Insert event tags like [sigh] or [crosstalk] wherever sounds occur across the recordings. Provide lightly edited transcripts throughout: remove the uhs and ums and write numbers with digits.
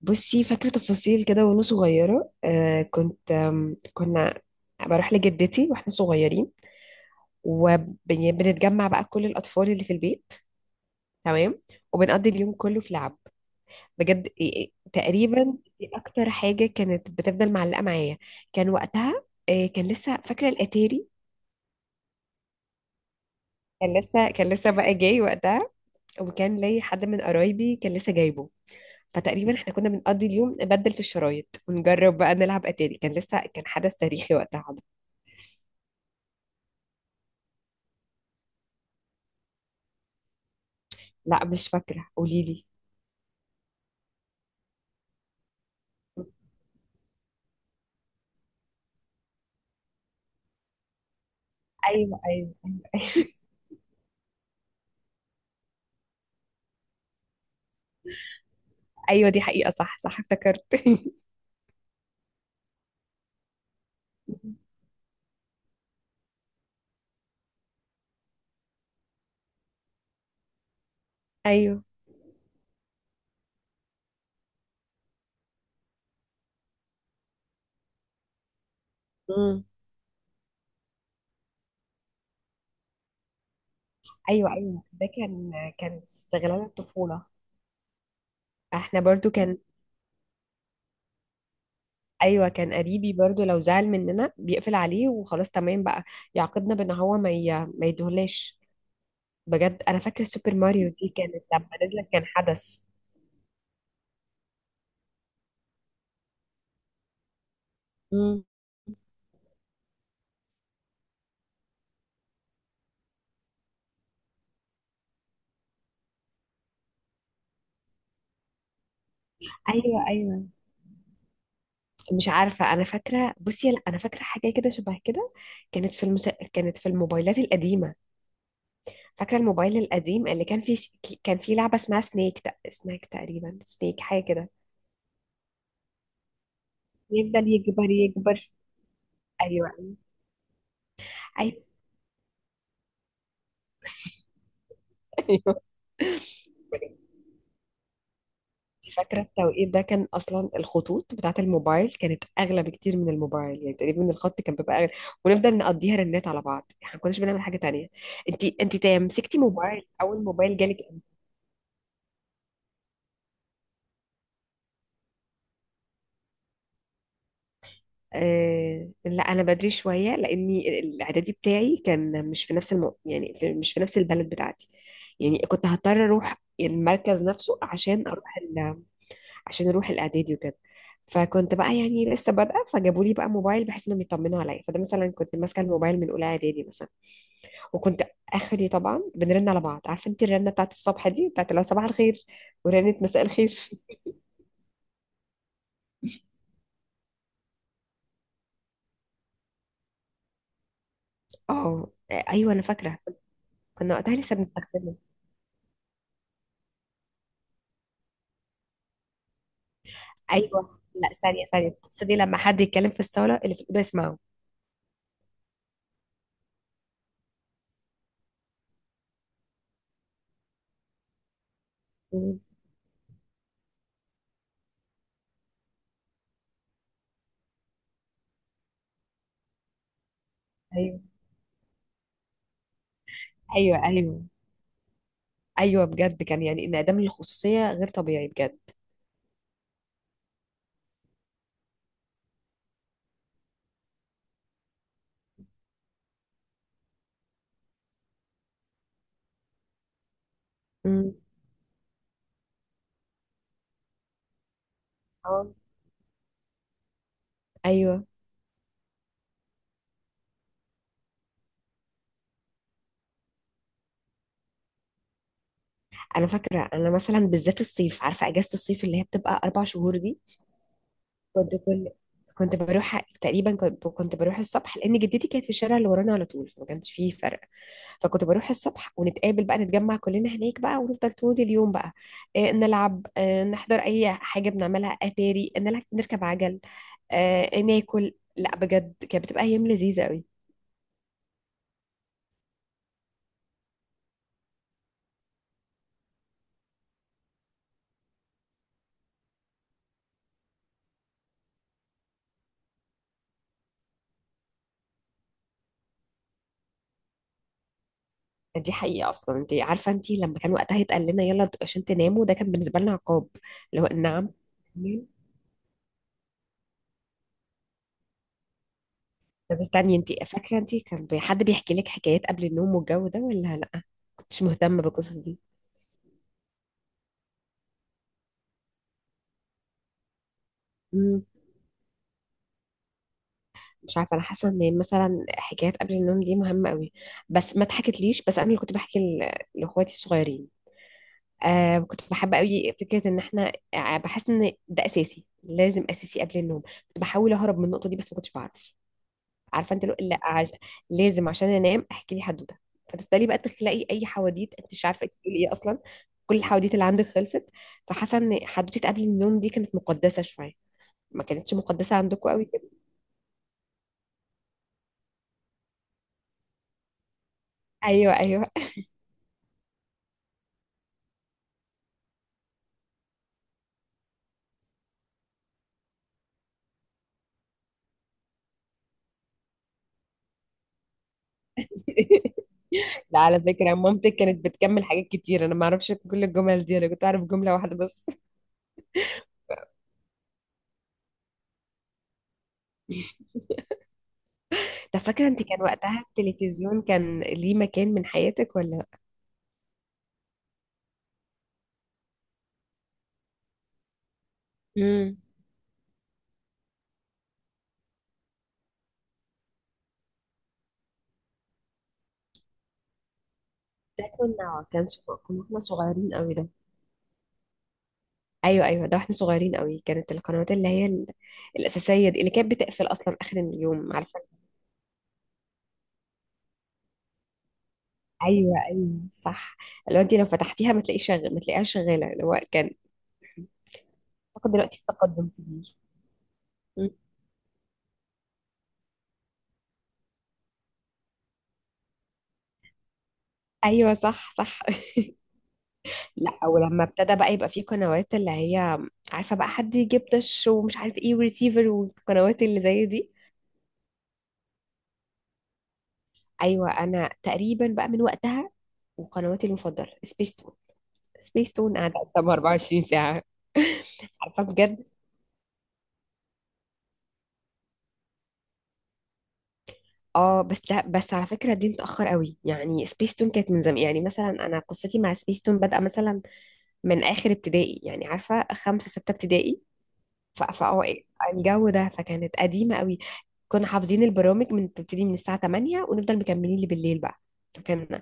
بصي فاكرة تفاصيل كده وأنا صغيرة، كنت آم، كنا بروح لجدتي واحنا صغيرين، وبنتجمع بقى كل الأطفال اللي في البيت. تمام. وبنقضي اليوم كله في لعب بجد. إيه- إيه، تقريبا دي أكتر حاجة كانت بتفضل معلقة معايا. كان وقتها، كان لسه فاكرة الأتاري. كان لسه بقى جاي وقتها، وكان لي حد من قرايبي كان لسه جايبه. فتقريبا احنا كنا بنقضي اليوم نبدل في الشرايط ونجرب بقى نلعب اتاري. كان لسه، كان حدث تاريخي وقتها. لا مش فاكرة، قولي لي. ايوه ايوه ايوه ايوه. أيوة دي حقيقة، صح صح، افتكرت [laughs] ايوه. امم. ايوه ايوه ده كان، كان استغلال الطفولة. احنا برضو كان، ايوه كان قريبي برضو لو زعل مننا بيقفل عليه وخلاص. تمام بقى، يعاقبنا بان هو ما يدهلاش. بجد انا فاكرة سوبر ماريو دي، كانت لما نزلت كان حدث. امم. ايوه ايوه. مش عارفه انا فاكره، بصي لا انا فاكره حاجه كده شبه كده. كانت في الموبايلات القديمه. فاكرة الموبايل القديم اللي كان فيه، كان فيه لعبة اسمها سنيك، تقريبا سنيك حاجة كده. يفضل يكبر يكبر. ايوه ايوه. ايوه انت فاكرة التوقيت ده، كان اصلا الخطوط بتاعة الموبايل كانت اغلى بكتير من الموبايل، يعني تقريبا الخط كان بيبقى اغلى، ونفضل نقضيها رنات على بعض، احنا ما كناش بنعمل حاجة تانية. مسكتي موبايل، اول موبايل جالك؟ لا انا بدري شويه، لاني الاعدادي بتاعي كان مش في نفس الم... يعني في- مش في نفس البلد بتاعتي، يعني كنت هضطر اروح المركز نفسه عشان اروح الاعدادي وكده. فكنت بقى يعني لسه بادئه، فجابوا لي بقى موبايل بحيث انهم يطمنوا عليا، فده مثلا كنت ماسكه الموبايل من اولى اعدادي مثلا. وكنت اخري طبعا بنرن على بعض. عارفه انت الرنه بتاعت الصبح دي، بتاعت اللي هو صباح الخير ورنه مساء الخير [laughs] اه. ايوه انا فاكره. كنا وقتها لسه بنستخدمها. ايوه، لا ثانيه ثانيه، بتقصدي لما حد يتكلم في الصاله اللي في الاوضه يسمعه؟ مم. ايوه ايوه ايوه ايوه بجد، كان يعني انعدام الخصوصيه غير طبيعي بجد. مم. اه. ايوه انا فاكره. انا مثلا بالذات الصيف، عارفه اجازه الصيف اللي هي بتبقى اربع شهور دي؟ كنت كل كنت بروح تقريبا، كنت بروح الصبح، لان جدتي كانت في الشارع اللي ورانا على طول، فما كانش فيه فرق. فكنت بروح الصبح، ونتقابل بقى، نتجمع كلنا هناك بقى، ونفضل طول اليوم بقى، نلعب، نحضر اي حاجه، بنعملها اتاري، نلعب، نركب عجل، ناكل. لا بجد كانت بتبقى ايام لذيذه قوي. دي حقيقه. اصلا انت عارفه انت لما كان وقتها يتقال لنا يلا عشان تناموا، ده كان بالنسبه لنا عقاب. اللي هو نعم. ليه؟ طب استني، انت فاكره انت كان حد بيحكي لك حكايات قبل النوم والجو ده، ولا لا كنتش مهتمه بالقصص؟ دي، مش عارفه انا حاسه ان مثلا حكايات قبل النوم دي مهمه قوي، بس ما اتحكتليش، بس انا اللي كنت بحكي لاخواتي الصغيرين. كنت بحب قوي فكره ان احنا، بحس ان ده اساسي، لازم اساسي قبل النوم. كنت بحاول اهرب من النقطه دي بس ما كنتش بعرف. عارفه انت، لو لا عش... لازم عشان انام احكي لي حدوته. فتبتدي بقى تخلقي اي حواديت، انت مش عارفه انت بتقولي ايه اصلا. كل الحواديت اللي عندك خلصت. فحاسه ان حدوته قبل النوم دي كانت مقدسه شويه. ما كانتش مقدسه عندكم قوي كده؟ ايوه ايوه [laughs] لا على فكرة مامتك كانت بتكمل حاجات كتير، أنا ما أعرفش كل الجمل دي، أنا كنت أعرف جملة واحدة بس [laughs] طب فاكرة أنت كان وقتها التلفزيون كان ليه مكان من حياتك ولا لأ؟ امم. ده كنا احنا صغيرين قوي ده. أيوه أيوه، ده واحنا صغيرين قوي، كانت القنوات اللي هي الأساسية دي اللي كانت بتقفل أصلا آخر اليوم، عارفة؟ أيوه أيوه صح. لو أنت لو فتحتيها ما تلاقيش شغ... ما تلاقيهاش شغالة، اللي هو كان. أعتقد دلوقتي في تقدم كبير. مم. أيوه صح صح [laughs] لا ولما ابتدى بقى يبقى فيه قنوات اللي هي، عارفة بقى، حد يجيب دش ومش عارف ايه وريسيفر والقنوات اللي زي دي. ايوه انا تقريبا بقى من وقتها. وقنواتي المفضلة سبيس تون. سبيس تون قاعدة قدام 24 ساعة، عارفة بجد. اه بس ده، بس على فكرة دي متأخر قوي، يعني سبيس تون كانت من زمان، يعني مثلا انا قصتي مع سبيس تون بادئة مثلا من اخر ابتدائي، يعني عارفة خمسة ستة ابتدائي. فهو الجو ده، فكانت قديمة قوي. كنا حافظين البرامج من بتبتدي من الساعة 8 ونفضل مكملين لبالليل بقى. فكان.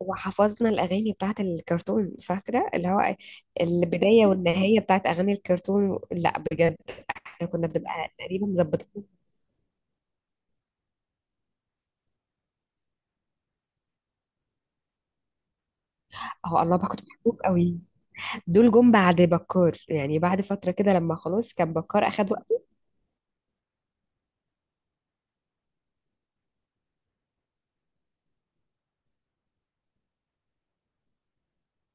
وحفظنا الأغاني بتاعت الكرتون، فاكرة اللي هو البداية والنهاية بتاعت أغاني الكرتون، لا بجد. احنا كنا بنبقى تقريبا مظبطين. اهو الله، بقى كنت بحبهم قوي. دول جم بعد بكار، يعني بعد فترة كده، لما خلاص كان بكار أخد وقته.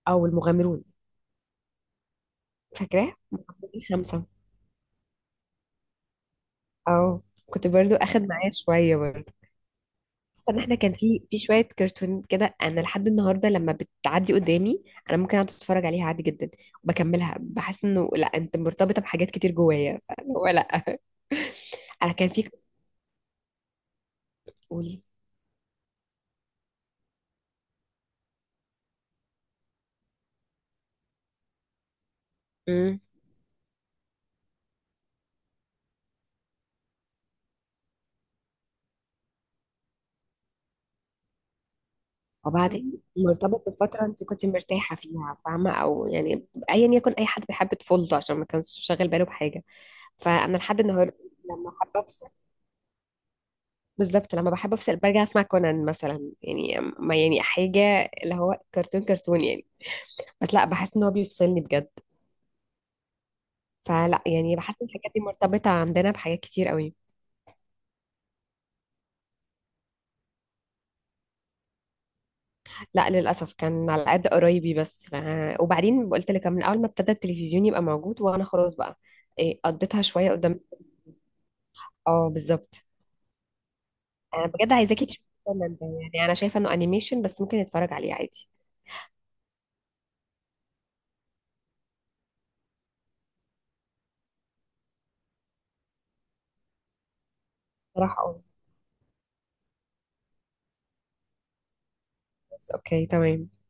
أو المغامرون، فاكراه؟ المغامرون خمسة. أو كنت برضو أخد معايا شوية برضو. بس ان احنا كان في شويه كرتون كده، انا لحد النهارده لما بتعدي قدامي انا ممكن اقعد اتفرج عليها عادي جدا وبكملها، بحس انه لا انت مرتبطه بحاجات كتير جوايا، فهو لا. انا كان في قولي. امم. وبعدين مرتبط بفتره انت كنت مرتاحه فيها، فاهمه، او يعني ايا يكن، اي حد بيحب طفولته عشان ما كانش شاغل باله بحاجه. فانا لحد النهارده لما حابه افصل، بالظبط لما بحب افصل برجع اسمع كونان مثلا، يعني ما يعني حاجه، اللي هو كرتون كرتون يعني، بس لا بحس ان هو بيفصلني بجد. فلا، يعني بحس ان الحاجات دي مرتبطة عندنا بحاجات كتير قوي. لا للأسف كان على قد قرايبي وبعدين قلت لك من أول ما ابتدى التلفزيون يبقى موجود وأنا خلاص بقى إيه، قضيتها شوية قدام. اه بالظبط. أنا بجد عايزاكي تشوفي كونان ده، يعني أنا شايفة إنه أنيميشن بس ممكن نتفرج عليه عادي. صراحة اه. بس أوكي تمام.